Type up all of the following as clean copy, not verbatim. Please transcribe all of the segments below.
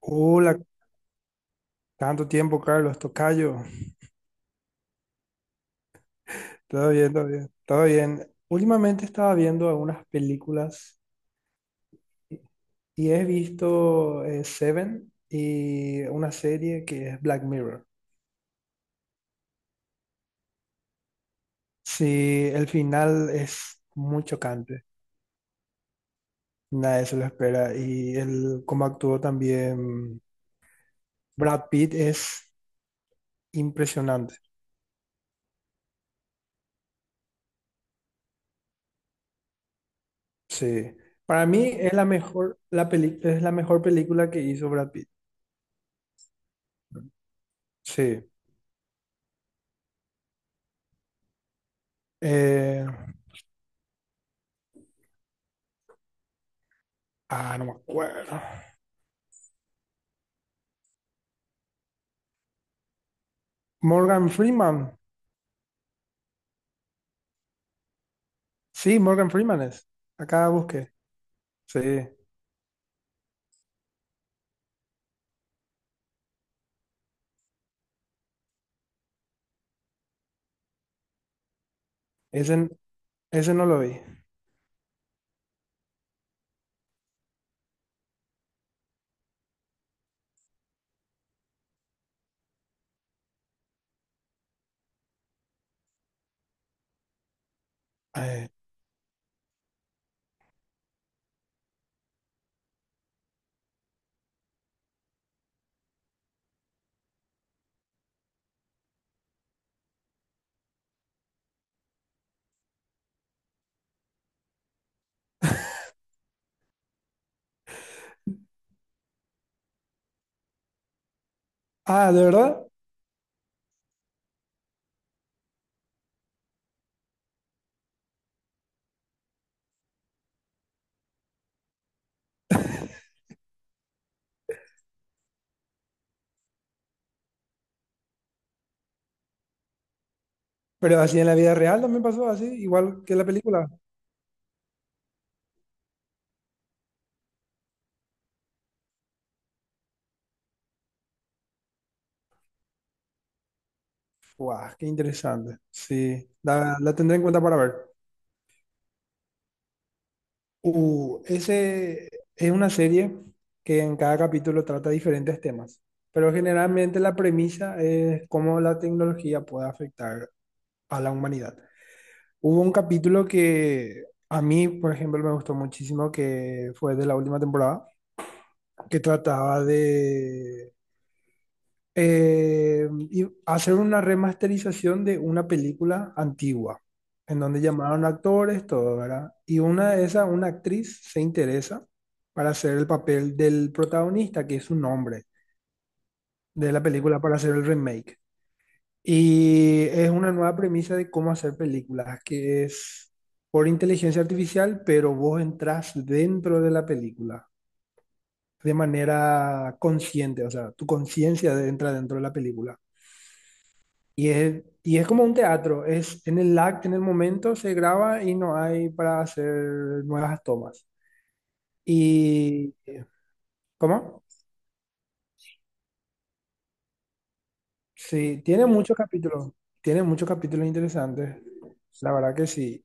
Hola, tanto tiempo, Carlos, tocayo. Todo bien, todo bien, todo bien. Últimamente estaba viendo algunas películas y he visto Seven y una serie que es Black Mirror. Sí, el final es muy chocante, nadie se lo espera y el cómo actuó también Brad Pitt es impresionante. Sí, para mí es la mejor, la peli- es la mejor película que hizo Brad Pitt. Sí. Eh, no me acuerdo. Morgan Freeman. Sí, Morgan Freeman es. Acá busqué. Sí, ese, ese no lo vi. Eh, ¿De verdad? Pero así en la vida real también pasó así, igual que en la película. Guau, qué interesante. Sí, la tendré en cuenta para ver. Ese es una serie que en cada capítulo trata diferentes temas, pero generalmente la premisa es cómo la tecnología puede afectar a la humanidad. Hubo un capítulo que a mí, por ejemplo, me gustó muchísimo, que fue de la última temporada, que trataba de hacer una remasterización de una película antigua, en donde llamaron actores, todo, ¿verdad? Y una de esas, una actriz, se interesa para hacer el papel del protagonista, que es un hombre, de la película para hacer el remake. Y es una nueva premisa de cómo hacer películas, que es por inteligencia artificial, pero vos entras dentro de la película de manera consciente, o sea, tu conciencia entra dentro de la película. Y es como un teatro, es en el acto, en el momento se graba y no hay para hacer nuevas tomas. Y, ¿Cómo? Sí, tiene muchos capítulos interesantes, la verdad que sí.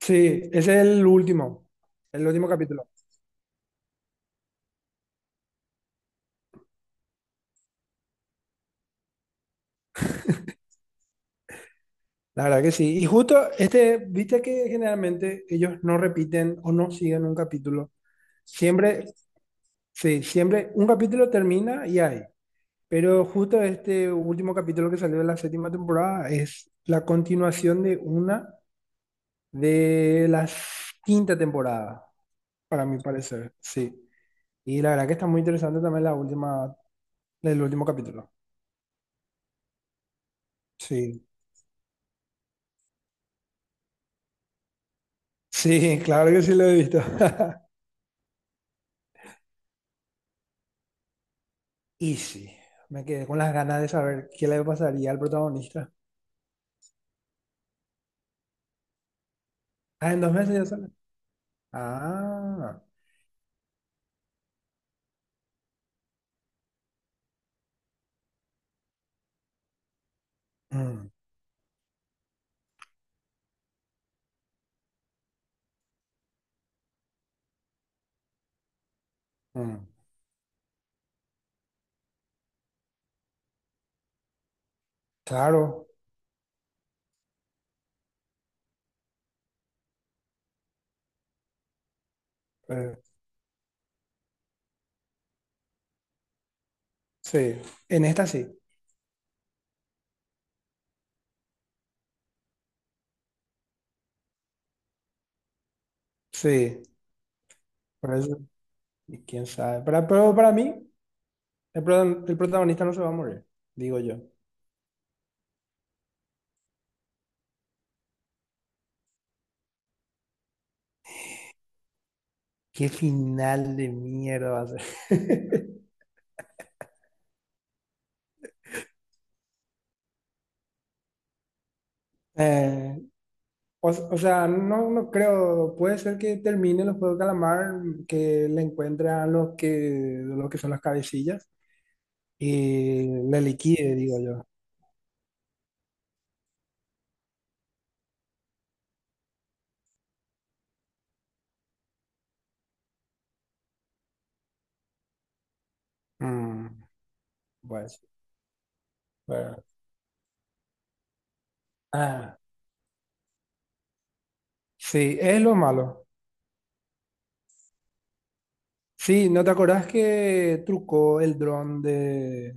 Sí, ese es el último capítulo. La verdad que sí. Y justo este, viste que generalmente ellos no repiten o no siguen un capítulo. Siempre, sí, siempre un capítulo termina y hay. Pero justo este último capítulo que salió de la séptima temporada es la continuación de una de la quinta temporada, para mi parecer. Sí. Y la verdad que está muy interesante también la última, el último capítulo. Sí. Sí, claro que sí lo he visto. Y sí, me quedé con las ganas de saber qué le pasaría al protagonista. Ah, en 2 meses ya sale. Ah, mm, mm, claro. eh, sí, en esta sí. Sí, por eso, y quién sabe. Pero para mí, el protagonista no se va a morir, digo yo. Qué final de mierda va a ser. Eh, o sea, no, no creo. Puede ser que termine los Juegos de Calamar, que le encuentran los que son las cabecillas. Y le liquide, digo yo. Mm, bueno, bueno. Ah, sí, es lo malo. Sí, ¿no te acordás que trucó el dron de...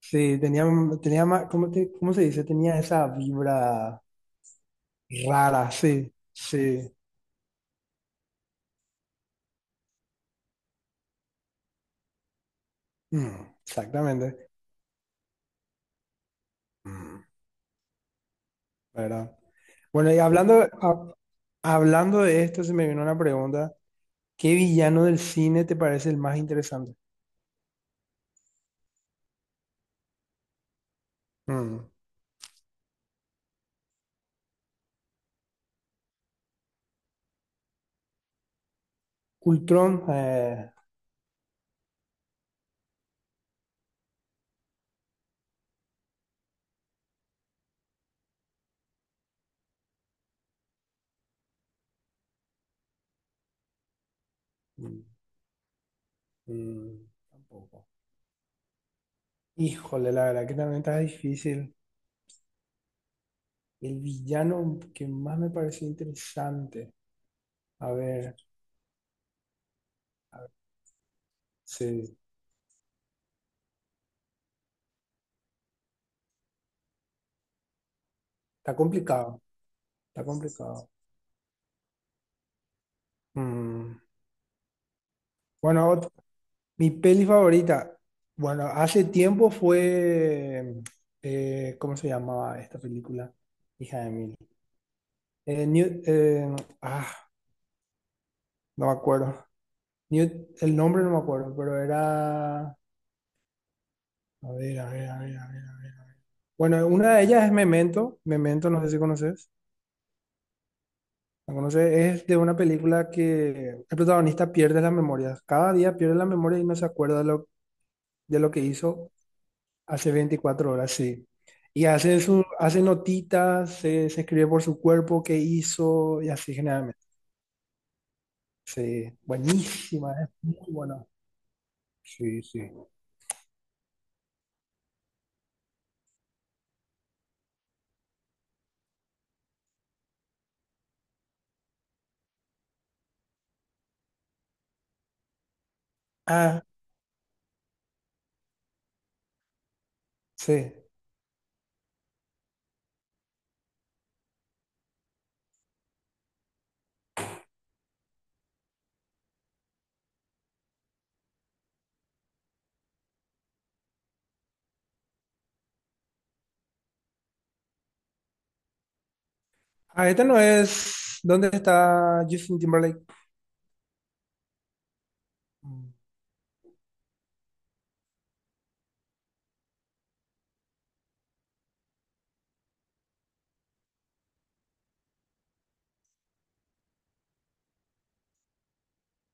Sí, tenía, ¿cómo, cómo se dice? Tenía esa vibra rara, sí, sí. Mm, exactamente. Mm, ¿Verdad? Bueno, y hablando de esto, se me vino una pregunta. ¿Qué villano del cine te parece el más interesante? Mm. Ultron. Mm. Mm, Tampoco. Híjole, la verdad que también está difícil. El villano que más me pareció interesante. A ver, sí, está complicado, está complicado. Mm, Bueno, ot- Mi peli favorita, bueno, hace tiempo fue, ¿cómo se llamaba esta película? Hija de mil. Eh, New- eh, ah, no me acuerdo. El nombre no me acuerdo, pero era, a ver. Bueno, una de ellas es Memento. Memento, no sé si conoces. ¿La conoces? Es de una película que el protagonista pierde la memoria. Cada día pierde la memoria y no se acuerda de de lo que hizo hace 24 horas, sí. Y hace, hace notitas, se escribe por su cuerpo qué hizo y así generalmente. Sí, buenísima, es muy buena. Sí, sí. Ah, sí. Ah, esta no es. ¿Dónde está Justin Timberlake? Mm,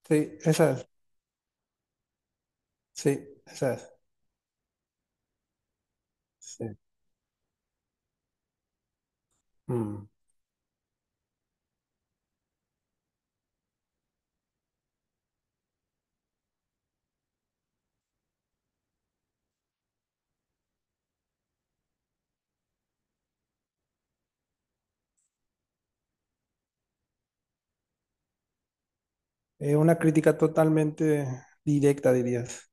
Sí, esa es. Sí, esa es. Sí. Mm. Es una crítica totalmente directa, dirías.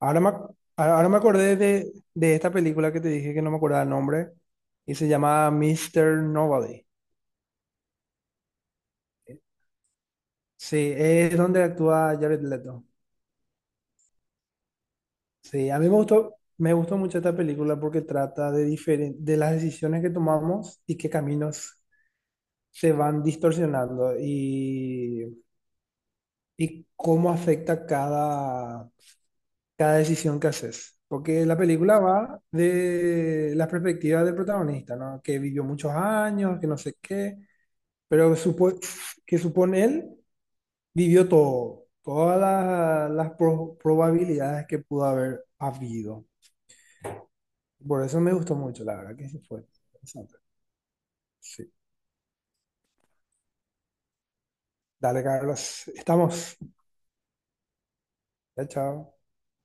Ahora me acordé de esta película que te dije que no me acordaba el nombre y se llama Mister Nobody. Sí, es donde actúa Jared Leto. Sí, a mí me gustó mucho esta película porque trata de, de las decisiones que tomamos y qué caminos se van distorsionando y cómo afecta cada, cada decisión que haces. Porque la película va de la perspectiva del protagonista, ¿no? Que vivió muchos años, que no sé qué, pero que supone él vivió todo, las, probabilidades que pudo haber habido. Por eso me gustó mucho, la verdad que sí fue interesante. Sí. Dale, Carlos, estamos. Ya, chao.